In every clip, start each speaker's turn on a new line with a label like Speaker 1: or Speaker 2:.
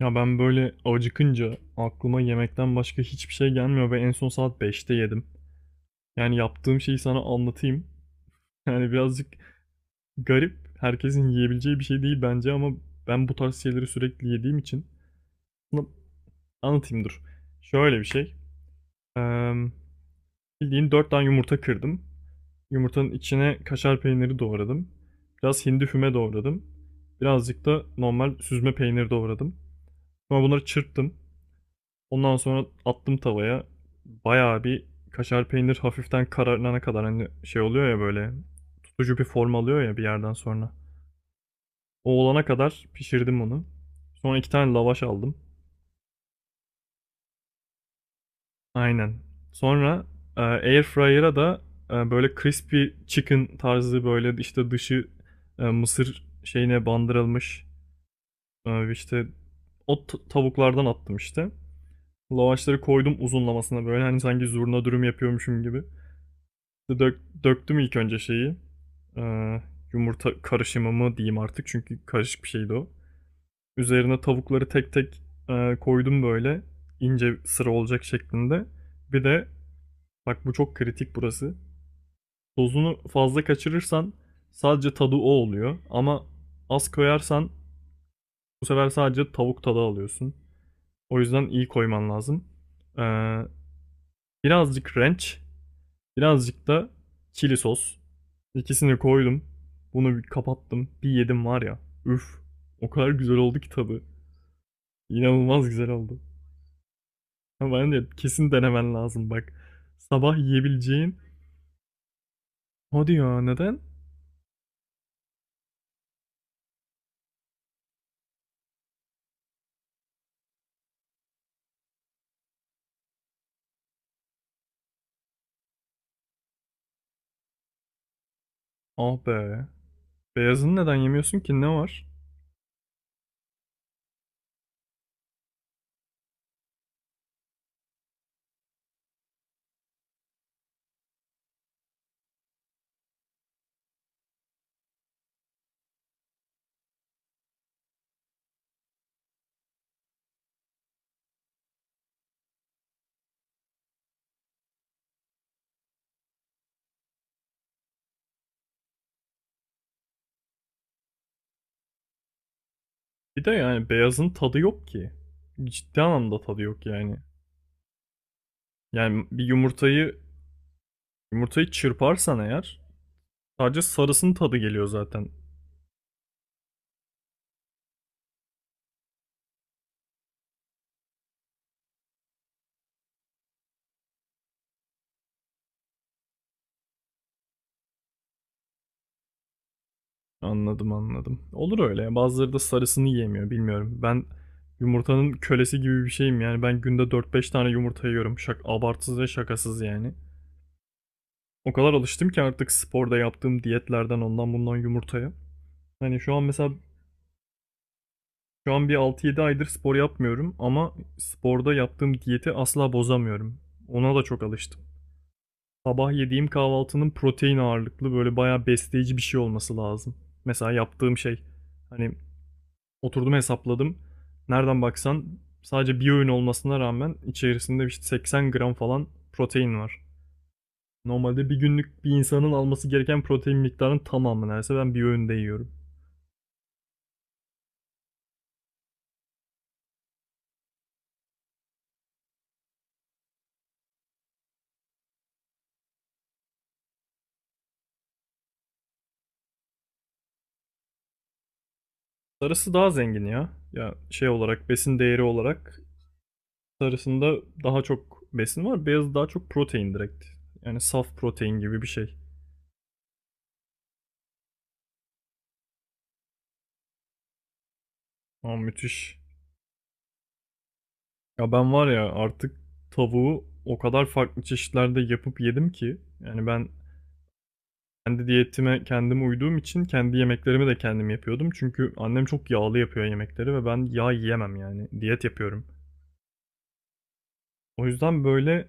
Speaker 1: Ya ben böyle acıkınca aklıma yemekten başka hiçbir şey gelmiyor ve en son saat beşte yedim. Yani yaptığım şeyi sana anlatayım. Yani birazcık garip, herkesin yiyebileceği bir şey değil bence ama ben bu tarz şeyleri sürekli yediğim için bunu anlatayım dur. Şöyle bir şey. Eee Bildiğin 4 tane yumurta kırdım. Yumurtanın içine kaşar peyniri doğradım. Biraz hindi füme doğradım. Birazcık da normal süzme peynir doğradım. Sonra bunları çırptım. Ondan sonra attım tavaya. Bayağı bir kaşar peynir hafiften kararına kadar hani şey oluyor ya, böyle tutucu bir form alıyor ya bir yerden sonra. O olana kadar pişirdim onu. Sonra iki tane lavaş aldım. Aynen. Sonra air fryer'a da böyle crispy chicken tarzı, böyle işte dışı mısır şeyine bandırılmış, e, işte o tavuklardan attım işte. Lavaşları koydum uzunlamasına, böyle hani sanki zurna dürüm yapıyormuşum gibi. Döktüm ilk önce şeyi. Ee, Yumurta karışımı mı diyeyim artık, çünkü karışık bir şeydi o. Üzerine tavukları tek tek koydum böyle ince sıra olacak şeklinde. Bir de bak, bu çok kritik burası. Tozunu fazla kaçırırsan sadece tadı o oluyor, ama az koyarsan bu sefer sadece tavuk tadı alıyorsun. O yüzden iyi koyman lazım. Ee, birazcık ranch, birazcık da chili sos. İkisini koydum. Bunu bir kapattım. Bir yedim var ya. Üf. O kadar güzel oldu ki tadı. İnanılmaz güzel oldu. Ama ben de kesin denemen lazım bak. Sabah yiyebileceğin. Hadi ya, neden? Ah be. Beyazını neden yemiyorsun ki, ne var? Bir de yani beyazın tadı yok ki. Ciddi anlamda tadı yok yani. Yani bir yumurtayı çırparsan eğer, sadece sarısının tadı geliyor zaten. Anladım, anladım. Olur öyle ya. Bazıları da sarısını yiyemiyor, bilmiyorum. Ben yumurtanın kölesi gibi bir şeyim yani. Ben günde dört beş tane yumurta yiyorum. Şak abartsız ve şakasız yani. O kadar alıştım ki artık sporda yaptığım diyetlerden ondan bundan yumurtaya. Hani şu an mesela, şu an bir altı yedi aydır spor yapmıyorum ama sporda yaptığım diyeti asla bozamıyorum. Ona da çok alıştım. Sabah yediğim kahvaltının protein ağırlıklı, böyle bayağı besleyici bir şey olması lazım. Mesela yaptığım şey, hani oturdum hesapladım. Nereden baksan sadece bir öğün olmasına rağmen içerisinde işte 80 gram falan protein var. Normalde bir günlük bir insanın alması gereken protein miktarının tamamı neredeyse ben bir öğünde yiyorum. Sarısı daha zengin ya. Ya şey olarak, besin değeri olarak sarısında daha çok besin var. Beyazı daha çok protein direkt. Yani saf protein gibi bir şey. Ama müthiş. Ya ben var ya, artık tavuğu o kadar farklı çeşitlerde yapıp yedim ki. Yani ben kendi diyetime, kendime uyduğum için kendi yemeklerimi de kendim yapıyordum. Çünkü annem çok yağlı yapıyor yemekleri ve ben yağ yiyemem yani. Diyet yapıyorum. O yüzden böyle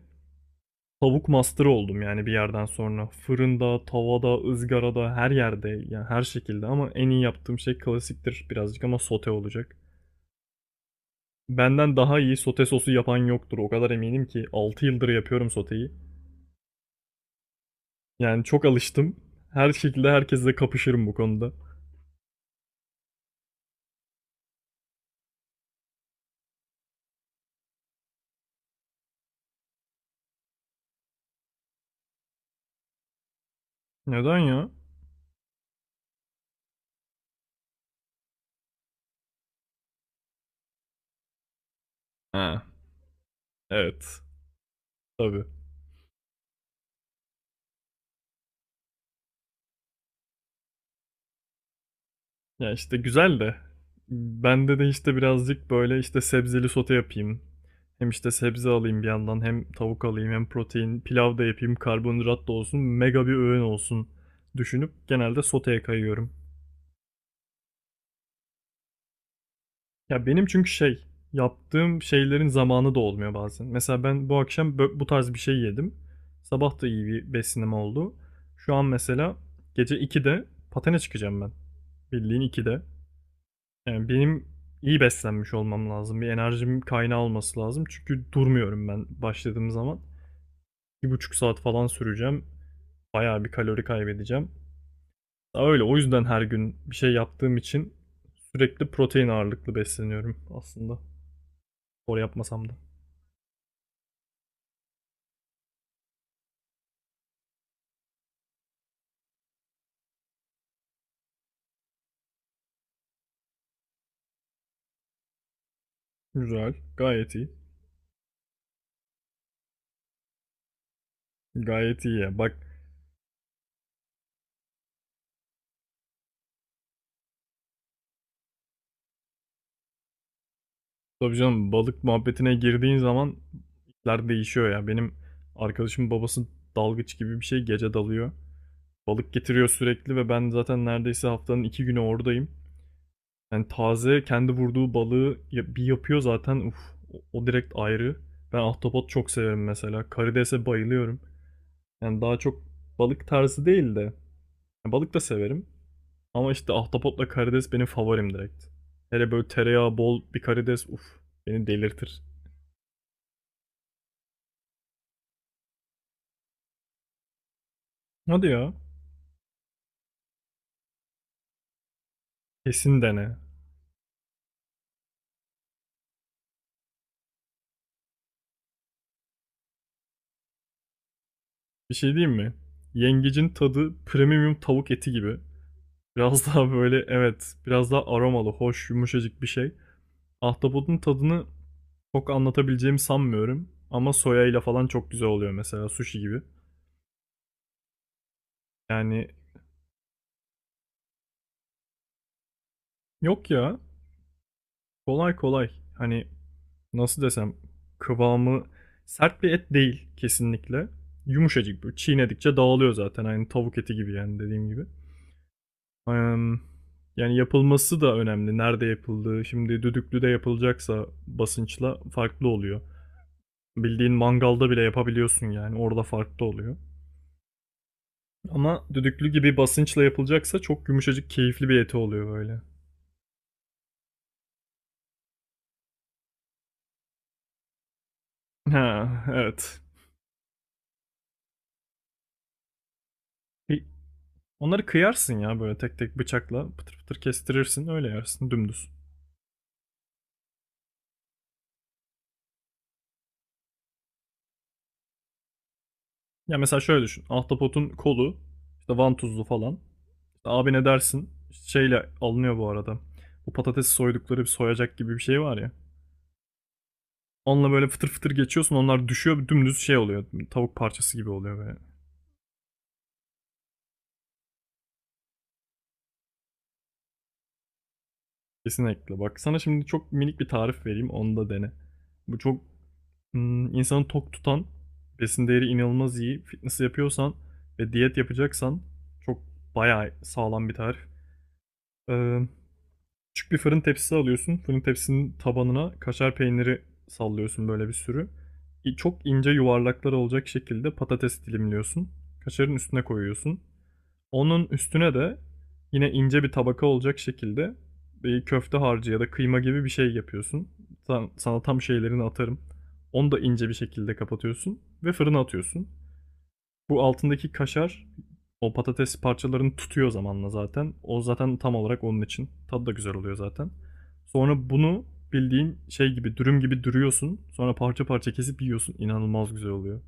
Speaker 1: tavuk master'ı oldum yani bir yerden sonra. Fırında, tavada, ızgarada, her yerde, yani her şekilde, ama en iyi yaptığım şey klasiktir birazcık ama, sote olacak. Benden daha iyi sote sosu yapan yoktur. O kadar eminim ki, 6 yıldır yapıyorum soteyi. Yani çok alıştım. Her şekilde herkesle kapışırım bu konuda. Neden ya? Ha, evet. Tabii. Ya işte güzel de, bende de işte birazcık böyle, işte sebzeli sote yapayım. Hem işte sebze alayım bir yandan, hem tavuk alayım, hem protein pilav da yapayım, karbonhidrat da olsun, mega bir öğün olsun düşünüp genelde soteye kayıyorum. Ya benim çünkü şey, yaptığım şeylerin zamanı da olmuyor bazen. Mesela ben bu akşam bu tarz bir şey yedim. Sabah da iyi bir besinim oldu. Şu an mesela gece 2'de patene çıkacağım ben. Bildiğin 2'de. Yani benim iyi beslenmiş olmam lazım. Bir enerjim kaynağı olması lazım. Çünkü durmuyorum ben başladığım zaman. Bir buçuk saat falan süreceğim. Bayağı bir kalori kaybedeceğim. Daha öyle. O yüzden her gün bir şey yaptığım için sürekli protein ağırlıklı besleniyorum aslında. Spor yapmasam da. Güzel. Gayet iyi. Gayet iyi ya. Bak, tabii canım, balık muhabbetine girdiğin zaman işler değişiyor ya. Benim arkadaşımın babası dalgıç gibi bir şey, gece dalıyor. Balık getiriyor sürekli ve ben zaten neredeyse haftanın iki günü oradayım. Yani taze kendi vurduğu balığı bir yapıyor zaten. Uf, o direkt ayrı. Ben ahtapot çok severim mesela. Karidese bayılıyorum. Yani daha çok balık tarzı değil de, yani balık da severim. Ama işte ahtapotla karides benim favorim direkt. Hele böyle tereyağı bol bir karides, uf, beni delirtir. Hadi ya. Kesin dene. Bir şey diyeyim mi? Yengecin tadı premium tavuk eti gibi. Biraz daha böyle, evet, biraz daha aromalı, hoş, yumuşacık bir şey. Ahtapotun tadını çok anlatabileceğimi sanmıyorum. Ama soya ile falan çok güzel oluyor mesela, sushi gibi. Yani yok ya, kolay kolay, hani nasıl desem, kıvamı sert bir et değil kesinlikle. Yumuşacık, böyle çiğnedikçe dağılıyor zaten, aynı tavuk eti gibi yani, dediğim gibi. Yani yapılması da önemli. Nerede yapıldığı. Şimdi düdüklüde yapılacaksa basınçla farklı oluyor. Bildiğin mangalda bile yapabiliyorsun yani. Orada farklı oluyor. Ama düdüklü gibi basınçla yapılacaksa çok yumuşacık, keyifli bir eti oluyor böyle. Ha, evet. E, Onları kıyarsın ya böyle, tek tek bıçakla pıtır pıtır kestirirsin, öyle yersin dümdüz. Ya mesela şöyle düşün. Ahtapotun kolu işte vantuzlu falan. İşte abi ne dersin? Şeyle alınıyor bu arada. Bu patatesi soydukları bir soyacak gibi bir şey var ya. Onunla böyle fıtır fıtır geçiyorsun, onlar düşüyor dümdüz, şey oluyor. Tavuk parçası gibi oluyor böyle. Kesinlikle. Bak sana şimdi çok minik bir tarif vereyim. Onu da dene. Bu çok insanı tok tutan, besin değeri inanılmaz iyi. Fitness yapıyorsan ve diyet yapacaksan çok, bayağı sağlam bir tarif. Ee, küçük bir fırın tepsisi alıyorsun. Fırın tepsinin tabanına kaşar peyniri sallıyorsun böyle bir sürü. Çok ince yuvarlaklar olacak şekilde patates dilimliyorsun. Kaşarın üstüne koyuyorsun. Onun üstüne de yine ince bir tabaka olacak şekilde bir köfte harcı ya da kıyma gibi bir şey yapıyorsun. Sana tam şeylerini atarım. Onu da ince bir şekilde kapatıyorsun ve fırına atıyorsun. Bu altındaki kaşar o patates parçalarını tutuyor zamanla zaten. O zaten tam olarak onun için. Tadı da güzel oluyor zaten. Sonra bunu bildiğin şey gibi, dürüm gibi dürüyorsun. Sonra parça parça kesip yiyorsun. İnanılmaz güzel oluyor.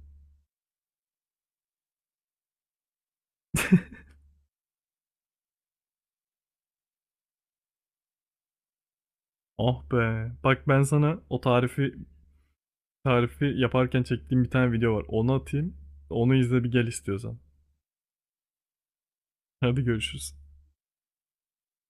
Speaker 1: Ah be. Bak ben sana o tarifi, yaparken çektiğim bir tane video var. Onu atayım. Onu izle bir gel istiyorsan. Hadi görüşürüz.